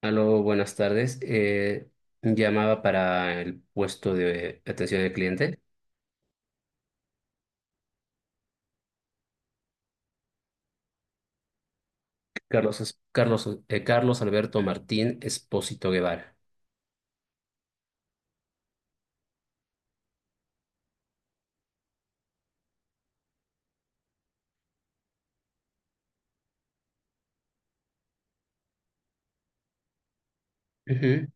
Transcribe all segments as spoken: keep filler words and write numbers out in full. Aló, buenas tardes. Eh, llamaba para el puesto de atención al cliente. Carlos, Es- Carlos, eh, Carlos Alberto Martín Espósito Guevara. Ujú.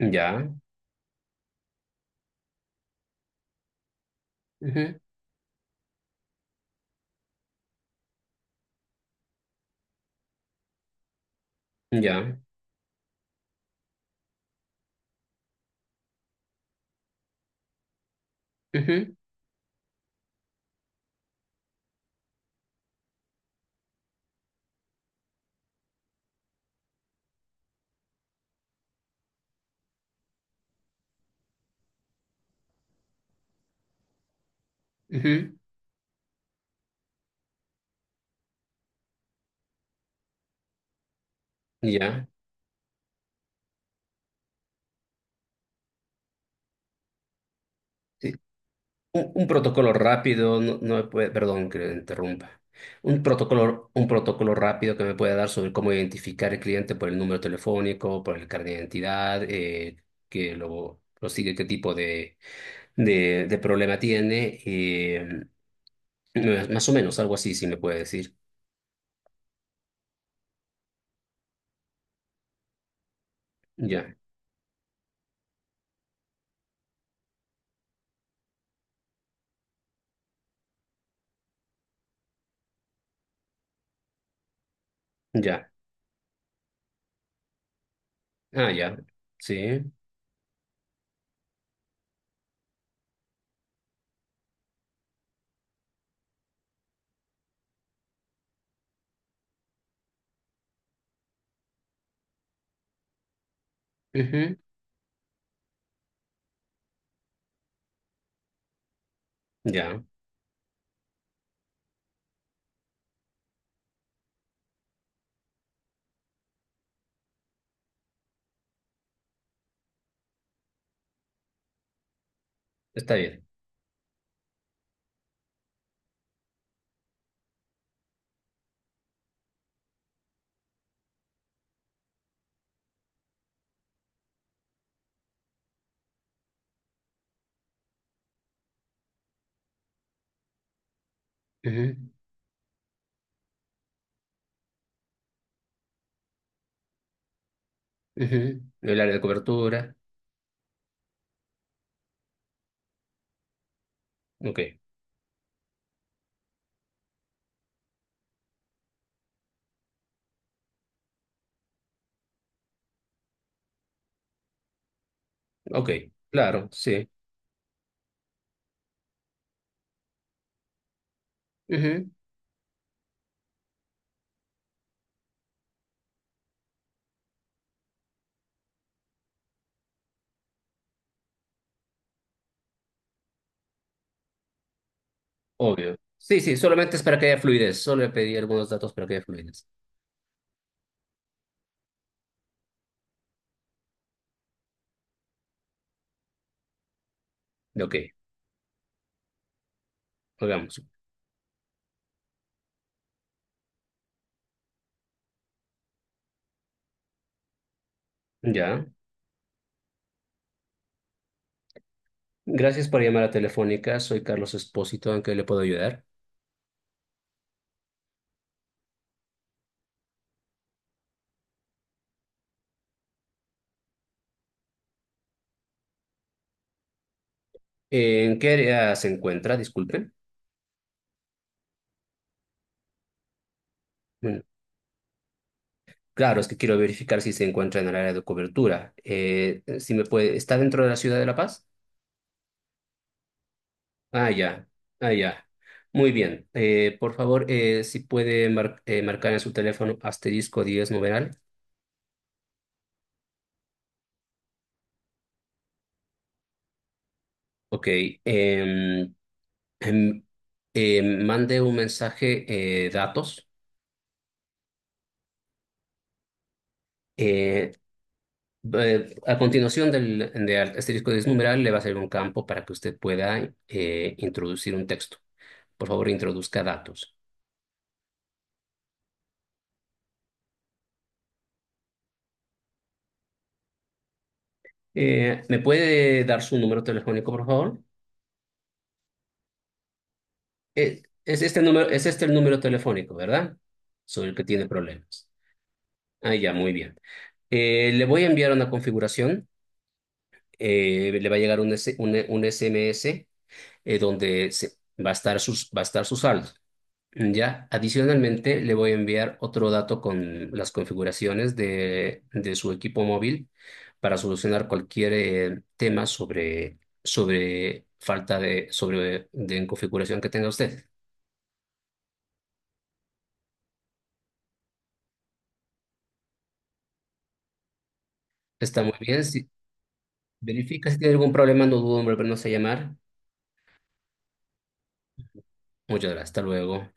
Ya, ujú, ya, ujú, ujú, ya. Un, un protocolo rápido, no, no me puede, perdón que le interrumpa. Un protocolo, un protocolo rápido que me pueda dar sobre cómo identificar al cliente por el número telefónico, por el carnet de identidad, eh, que lo, lo sigue, qué tipo de, de, de problema tiene. eh, más más o menos, algo así, si me puede decir. Ya, ya. Ah, ya. Sí. Ujú. Ya. Está bien. Ujú, ujú. El área de cobertura. Ok, ok. Claro, sí. Ujú. Obvio. Sí, sí, solamente es para que haya fluidez. Solo le pedí algunos datos para que haya fluidez. De ok, hagamos. Ya. Gracias por llamar a Telefónica. Soy Carlos Espósito. ¿En qué le puedo ayudar? ¿En qué área se encuentra? Disculpe. Bueno, claro, es que quiero verificar si se encuentra en el área de cobertura. Eh, si me puede, ¿está dentro de la ciudad de La Paz? Ah, ya. Ah, ya. Muy bien. Eh, por favor, eh, si puede mar- eh, marcar en su teléfono asterisco diez numeral. Ok. em, em, eh, Mandé un mensaje eh, datos. eh, eh, a continuación del, del asterisco diez numeral le va a salir un campo para que usted pueda eh, introducir un texto. Por favor, introduzca datos. Eh, ¿me puede dar su número telefónico, por favor? Eh, ¿es este número, es este el número telefónico, verdad? Sobre el que tiene problemas. Ah, ya, muy bien. Eh, le voy a enviar una configuración. eh, le va a llegar un, S- un, un S M S eh, donde se, va a estar sus, va a estar su saldo. Ya, adicionalmente le voy a enviar otro dato con las configuraciones de, de su equipo móvil para solucionar cualquier eh, tema sobre, sobre falta de, sobre, de configuración que tenga usted. Está muy bien. Si verifica si tiene algún problema, no dudo en volvernos a llamar. Muchas gracias. Hasta luego.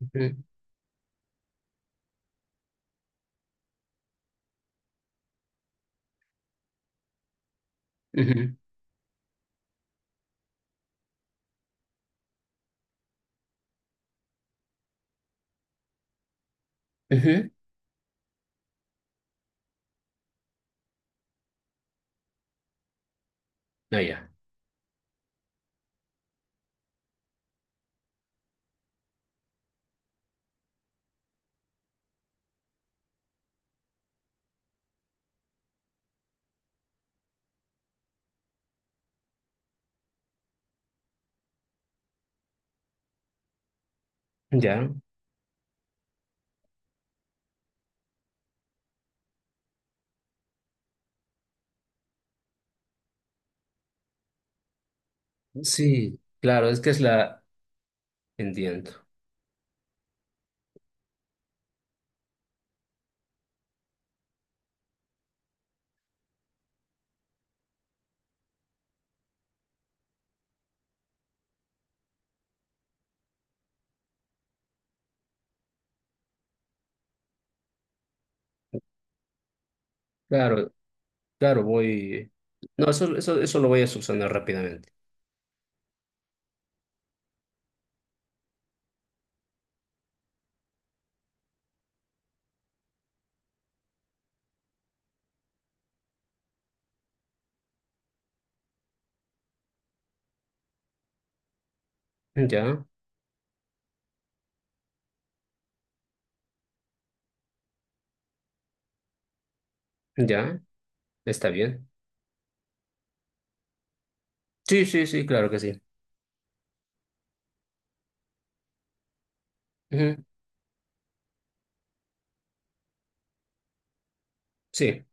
Ujú, ujú, ujú. Ah, ya. Ya. Sí, claro, es que es la... Entiendo. Claro. Claro, voy. No, eso, eso, eso lo voy a subsanar rápidamente. Ya, ya, está bien. Sí, sí, sí, claro que sí. Ujú. Sí,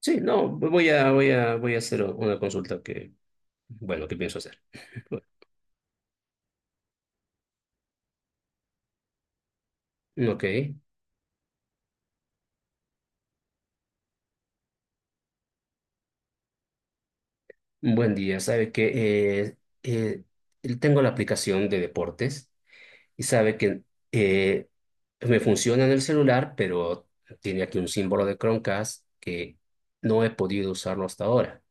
sí, no, voy a, voy a, voy a hacer una consulta que, bueno, que pienso hacer. Bueno. Ok, buen día. Sabe que eh, eh, tengo la aplicación de deportes y sabe que eh, me funciona en el celular, pero tiene aquí un símbolo de Chromecast que no he podido usarlo hasta ahora.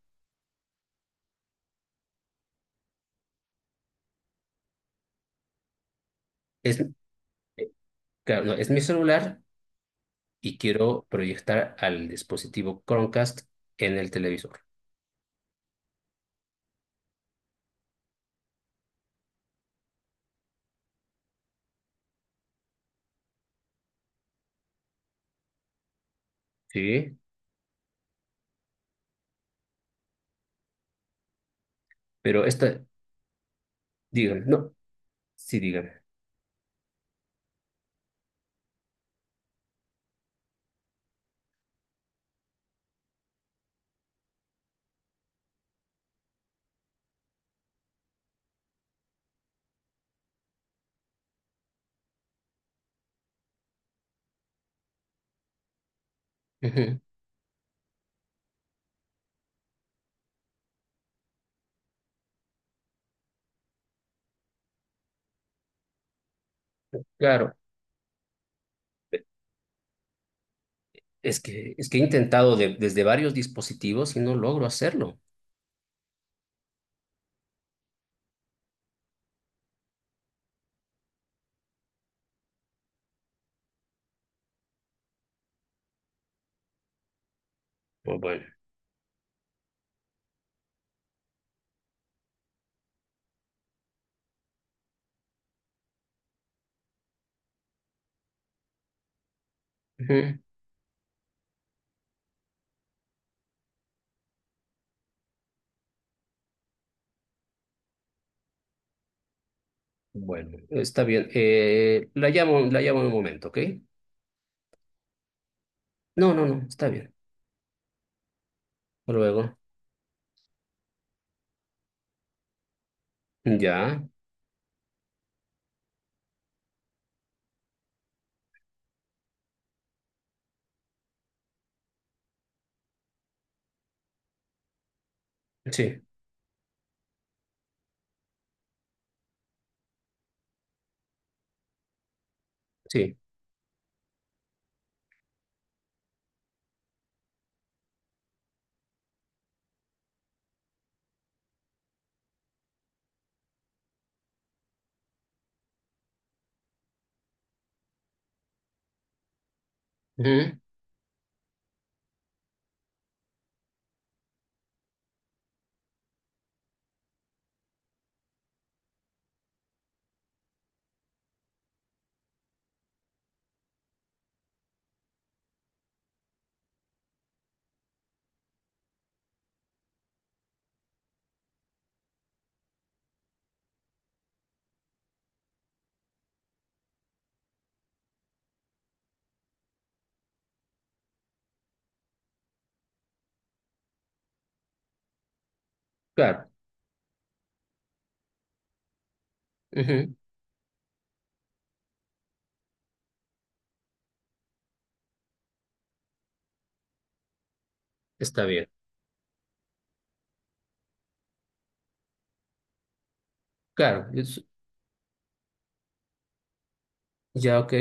Es, Claro, no, es mi celular y quiero proyectar al dispositivo Chromecast en el televisor. Sí, pero esta, dígame, no, sí, dígame. Ujú. Claro, e- es que, es que he intentado de- desde varios dispositivos y no logro hacerlo. Oh, bueno, ujú. Bueno, está bien. Eh, la llamo, la llamo en un momento, ¿ok? No, no, no, está bien. Hasta luego, ya, sí, sí, ujú, claro, ujú. Está bien, claro, es- ya, ok.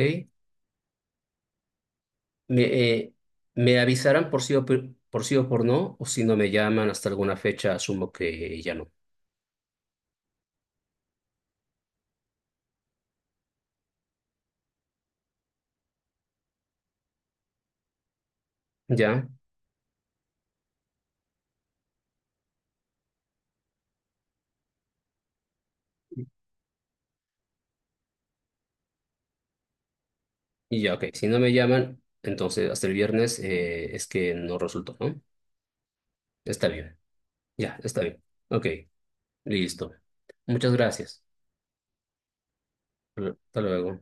Me, eh, me avisarán por sí o por, por sí o por no, o si no me llaman hasta alguna fecha, asumo que ya no. Ya, y ya, ok. Si no me llaman, entonces hasta el viernes, eh, es que no resultó, ¿no? Está bien, ya, está bien. Ok, listo. Muchas gracias. Hasta luego.